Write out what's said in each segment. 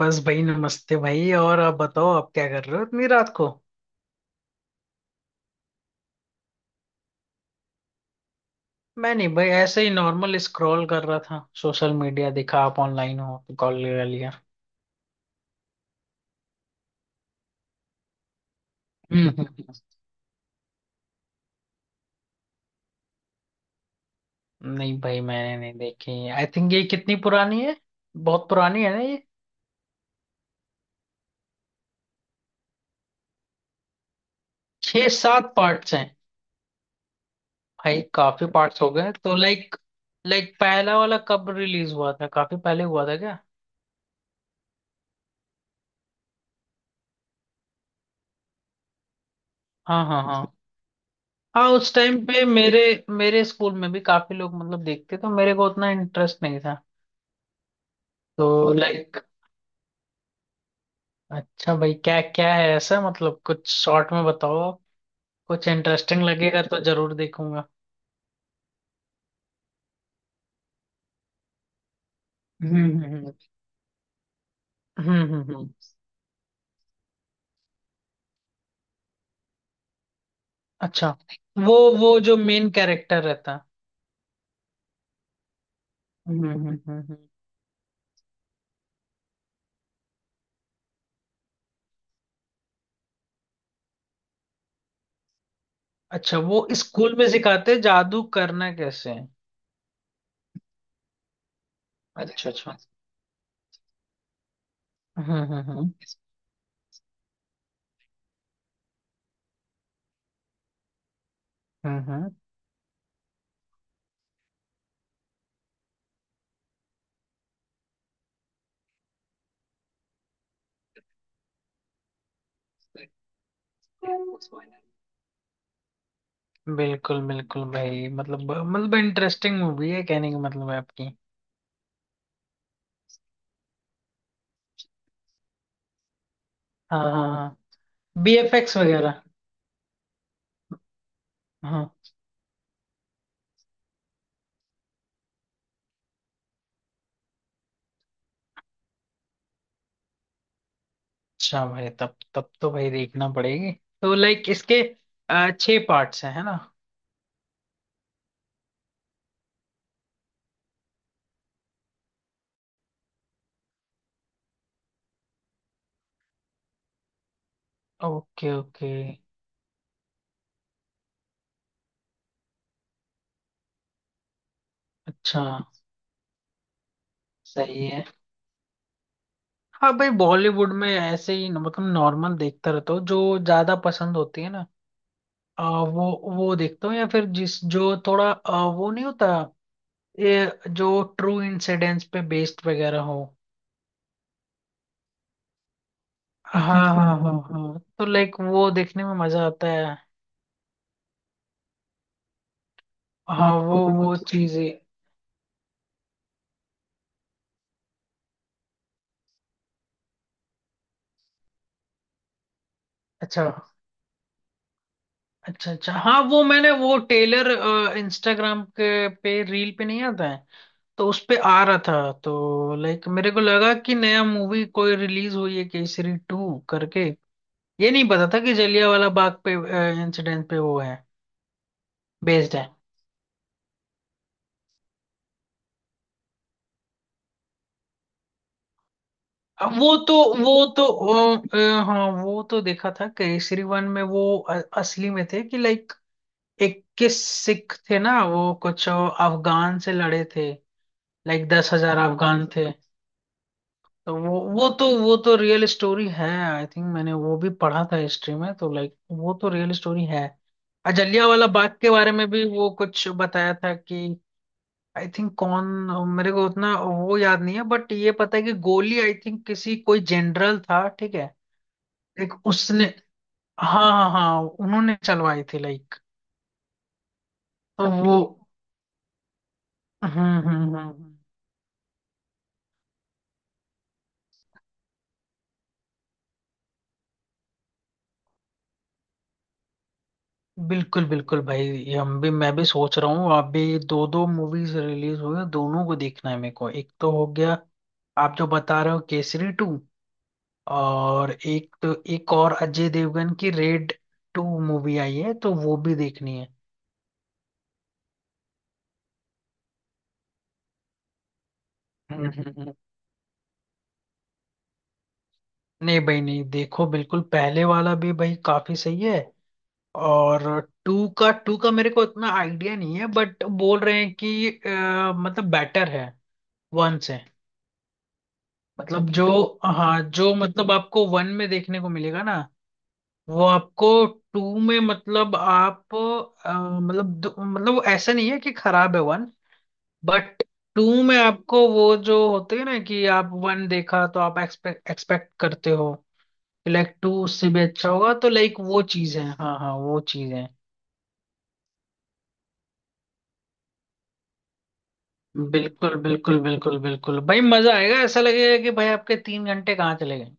बस भाई, नमस्ते भाई। और आप बताओ, आप क्या कर रहे हो इतनी रात को? मैं नहीं भाई, ऐसे ही नॉर्मल स्क्रॉल कर रहा था सोशल मीडिया, देखा आप ऑनलाइन हो तो कॉल लगा लिया। हम्म। नहीं भाई, मैंने नहीं देखी। आई थिंक ये कितनी पुरानी है, बहुत पुरानी है ना ये? छह सात पार्ट्स हैं? भाई काफी पार्ट्स हो गए तो लाइक। लाइक पहला वाला कब रिलीज हुआ था, काफी पहले हुआ था क्या? हाँ हाँ हाँ। हाँ उस टाइम पे मेरे मेरे स्कूल में भी काफी लोग मतलब देखते, तो मेरे को उतना इंटरेस्ट नहीं था। तो लाइक, अच्छा भाई, क्या क्या है ऐसा मतलब, कुछ शॉर्ट में बताओ। कुछ इंटरेस्टिंग लगेगा तो जरूर देखूंगा। हम्म हम्म हम्म हम्म हम्म हम्म। अच्छा, वो जो मेन कैरेक्टर रहता है। हम्म हम्म, हम्म, हम्म। अच्छा, वो स्कूल में सिखाते हैं जादू करना कैसे है। अच्छा अच्छा। हम्म हम्म हम्म हम्म हम्म। बिल्कुल बिल्कुल भाई, मतलब इंटरेस्टिंग मूवी है, कहने का मतलब है आपकी। हाँ हाँ हाँ। बीएफएक्स वगैरह। हाँ। अच्छा भाई, तब तब तो भाई देखना पड़ेगी। तो लाइक इसके छह पार्ट्स हैं है ना? Okay okay. अच्छा। सही है। हाँ भाई, बॉलीवुड में ऐसे ही मतलब नॉर्मल देखता रहता हूँ, जो ज्यादा पसंद होती है ना। अ, वो वो देखता हूँ, या फिर जिस जो थोड़ा वो नहीं होता। ये जो ट्रू इंसिडेंट्स पे बेस्ड वगैरह हो। हाँ। हाँ हाँ हाँ, तो लाइक वो देखने में मजा आता है। हाँ, वो चीजें। अच्छा अच्छा। अच्छा हाँ, वो मैंने वो टेलर इंस्टाग्राम के पे रील पे नहीं आता है, तो उस पे आ रहा था तो लाइक मेरे को लगा कि नया मूवी कोई रिलीज हुई है केसरी टू करके। ये नहीं पता था कि जलियांवाला बाग पे इंसिडेंट पे वो है बेस्ड है। अब वो तो हाँ वो तो देखा था केसरी वन में। वो असली में थे कि लाइक 21 सिख थे ना, वो कुछ अफगान से लड़े थे। लाइक 10,000 अफगान थे। तो वो, वो तो रियल स्टोरी है, आई थिंक मैंने वो भी पढ़ा था हिस्ट्री में, तो लाइक वो तो रियल स्टोरी है। अजलिया वाला बाग के बारे में भी वो कुछ बताया था कि आई थिंक कौन, मेरे को उतना वो याद नहीं है, बट ये पता है कि गोली आई थिंक किसी कोई जनरल था, ठीक है, एक उसने। हाँ हाँ हाँ, उन्होंने चलवाई थी लाइक। तो वो। हम्म हम्म हम्म हम्म। बिल्कुल बिल्कुल भाई, ये हम भी मैं भी सोच रहा हूँ, अभी दो दो मूवीज रिलीज हुई हैं, दोनों को देखना है मेरे को, एक तो हो गया आप जो बता रहे हो केसरी टू। और एक और अजय देवगन की रेड टू मूवी आई है, तो वो भी देखनी है। हम्म, हम्म, हम्म। नहीं भाई नहीं, देखो बिल्कुल पहले वाला भी भाई काफी सही है। और टू का मेरे को इतना आइडिया नहीं है, बट बोल रहे हैं कि मतलब बेटर है वन से। मतलब जो, हाँ जो मतलब आपको वन में देखने को मिलेगा ना वो आपको टू में, मतलब आप अ, मतलब मतलब वो ऐसा नहीं है कि खराब है वन, बट टू में आपको वो जो होते हैं ना कि आप वन देखा तो आप एक्सपेक्ट एक्सपेक्ट करते हो कि लाइक टू उससे भी अच्छा होगा, तो लाइक वो चीज है, हाँ हाँ वो चीज है। बिल्कुल बिल्कुल बिल्कुल बिल्कुल भाई मजा आएगा, ऐसा लगेगा कि भाई आपके 3 घंटे कहाँ चले गए।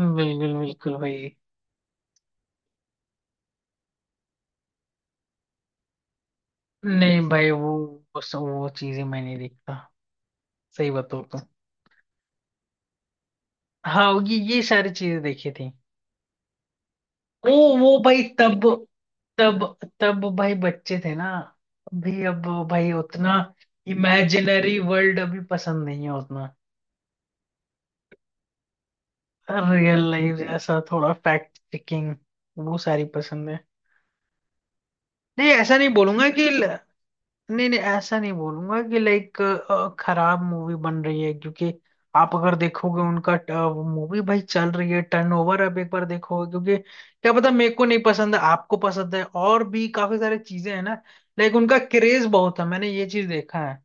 बिल्कुल बिल्कुल भाई। नहीं भाई, वो चीजें मैं नहीं देखता, सही बताओ तो। हाँ, ये सारी चीजें देखी थी। ओ, वो भाई तब तब तब भाई बच्चे थे ना, अभी अब भाई उतना इमेजिनरी वर्ल्ड अभी पसंद नहीं है उतना। रियल लाइफ जैसा थोड़ा फैक्ट चेकिंग, वो सारी पसंद है। नहीं ऐसा नहीं बोलूंगा कि, नहीं नहीं ऐसा नहीं बोलूंगा कि लाइक खराब मूवी बन रही है, क्योंकि आप अगर देखोगे उनका मूवी भाई चल रही है, टर्नओवर, अब एक बार देखोगे क्योंकि क्या पता, मेरे को नहीं पसंद है, आपको पसंद है, और भी काफी सारी चीजें हैं ना लाइक, उनका क्रेज बहुत है, मैंने ये चीज देखा है।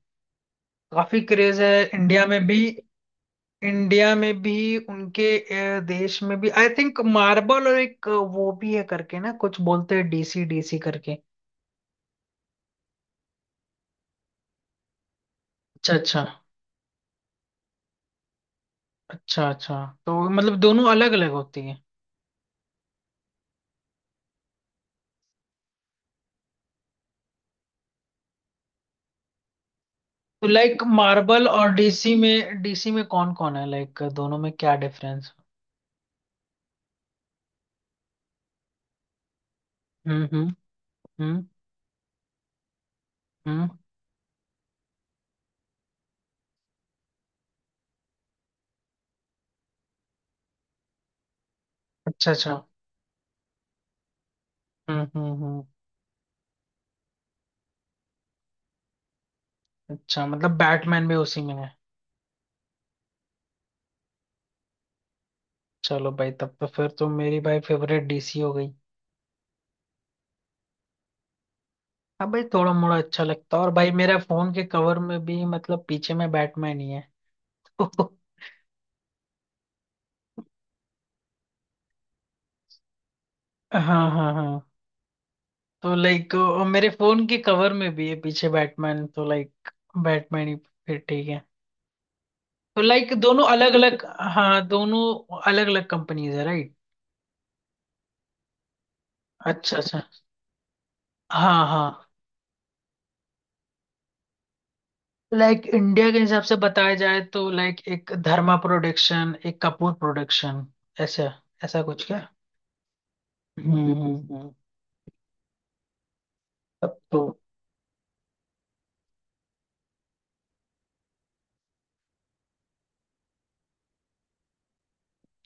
काफी क्रेज है इंडिया में भी। इंडिया में भी उनके देश में भी आई थिंक मार्बल, और एक वो भी है करके ना, कुछ बोलते हैं डीसी डीसी करके। अच्छा अच्छा। अच्छा अच्छा, तो मतलब दोनों अलग अलग होती है। तो लाइक मार्बल और डीसी में कौन कौन है लाइक, दोनों में क्या डिफरेंस? हम्म हम्म हम्म। हम्म। अच्छा अच्छा। हम्म। अच्छा मतलब बैटमैन भी उसी में है। चलो भाई, तब तो फिर तो मेरी भाई फेवरेट डीसी हो गई। हाँ भाई थोड़ा मोड़ा अच्छा लगता है, और भाई मेरा फोन के कवर में भी मतलब पीछे में बैटमैन ही है। तो, हाँ हाँ हाँ, तो लाइक मेरे फोन के कवर में भी है पीछे बैटमैन, तो लाइक बैटमैन ही फिर ठीक है। तो लाइक दोनों अलग अलग, हाँ दोनों अलग अलग कंपनीज है, राइट। अच्छा अच्छा। हाँ हाँ, लाइक इंडिया के हिसाब से बताया जाए तो लाइक एक धर्मा प्रोडक्शन, एक कपूर प्रोडक्शन, ऐसा, ऐसा कुछ क्या। हम्म हम्म, हम्म। तब तो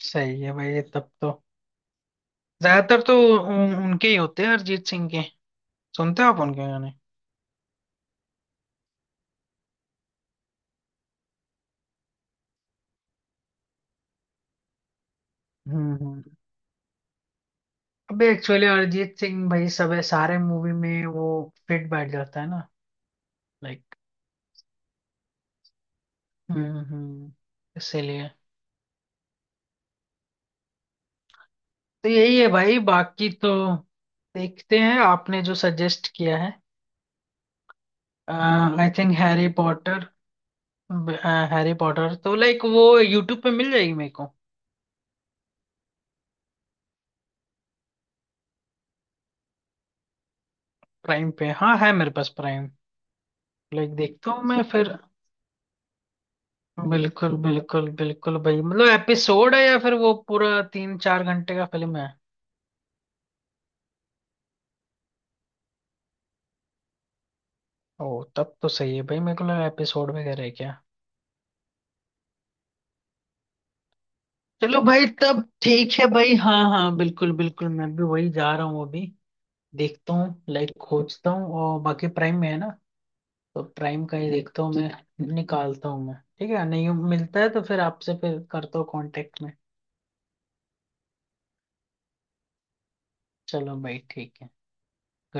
सही है भाई, तब तो ज्यादातर तो उनके ही होते हैं, अरिजीत सिंह के। सुनते हो आप उनके गाने? हम्म हम्म। अबे एक्चुअली अरिजीत सिंह भाई सब सारे मूवी में वो फिट बैठ जाता है ना। लाइक, हम्म, इसीलिए तो यही है भाई, बाकी तो देखते हैं आपने जो सजेस्ट किया है। I think Harry Potter. Harry Potter तो लाइक वो यूट्यूब पे मिल जाएगी मेरे को? प्राइम पे, हाँ है मेरे पास प्राइम। लाइक देखता हूँ मैं फिर। बिल्कुल बिल्कुल बिल्कुल भाई, मतलब एपिसोड है या फिर वो पूरा 3-4 घंटे का फिल्म है? ओ तब तो सही है भाई, मेरे को लगा एपिसोड वगैरह है क्या। चलो भाई तब ठीक है भाई, हाँ हाँ बिल्कुल बिल्कुल, मैं भी वही जा रहा हूँ अभी, देखता हूँ लाइक खोजता हूँ, और बाकी प्राइम में है ना, तो प्राइम का ही देखता हूँ, मैं निकालता हूँ मैं, ठीक है, नहीं मिलता है तो फिर आपसे फिर करता हूँ कांटेक्ट में। चलो भाई ठीक है।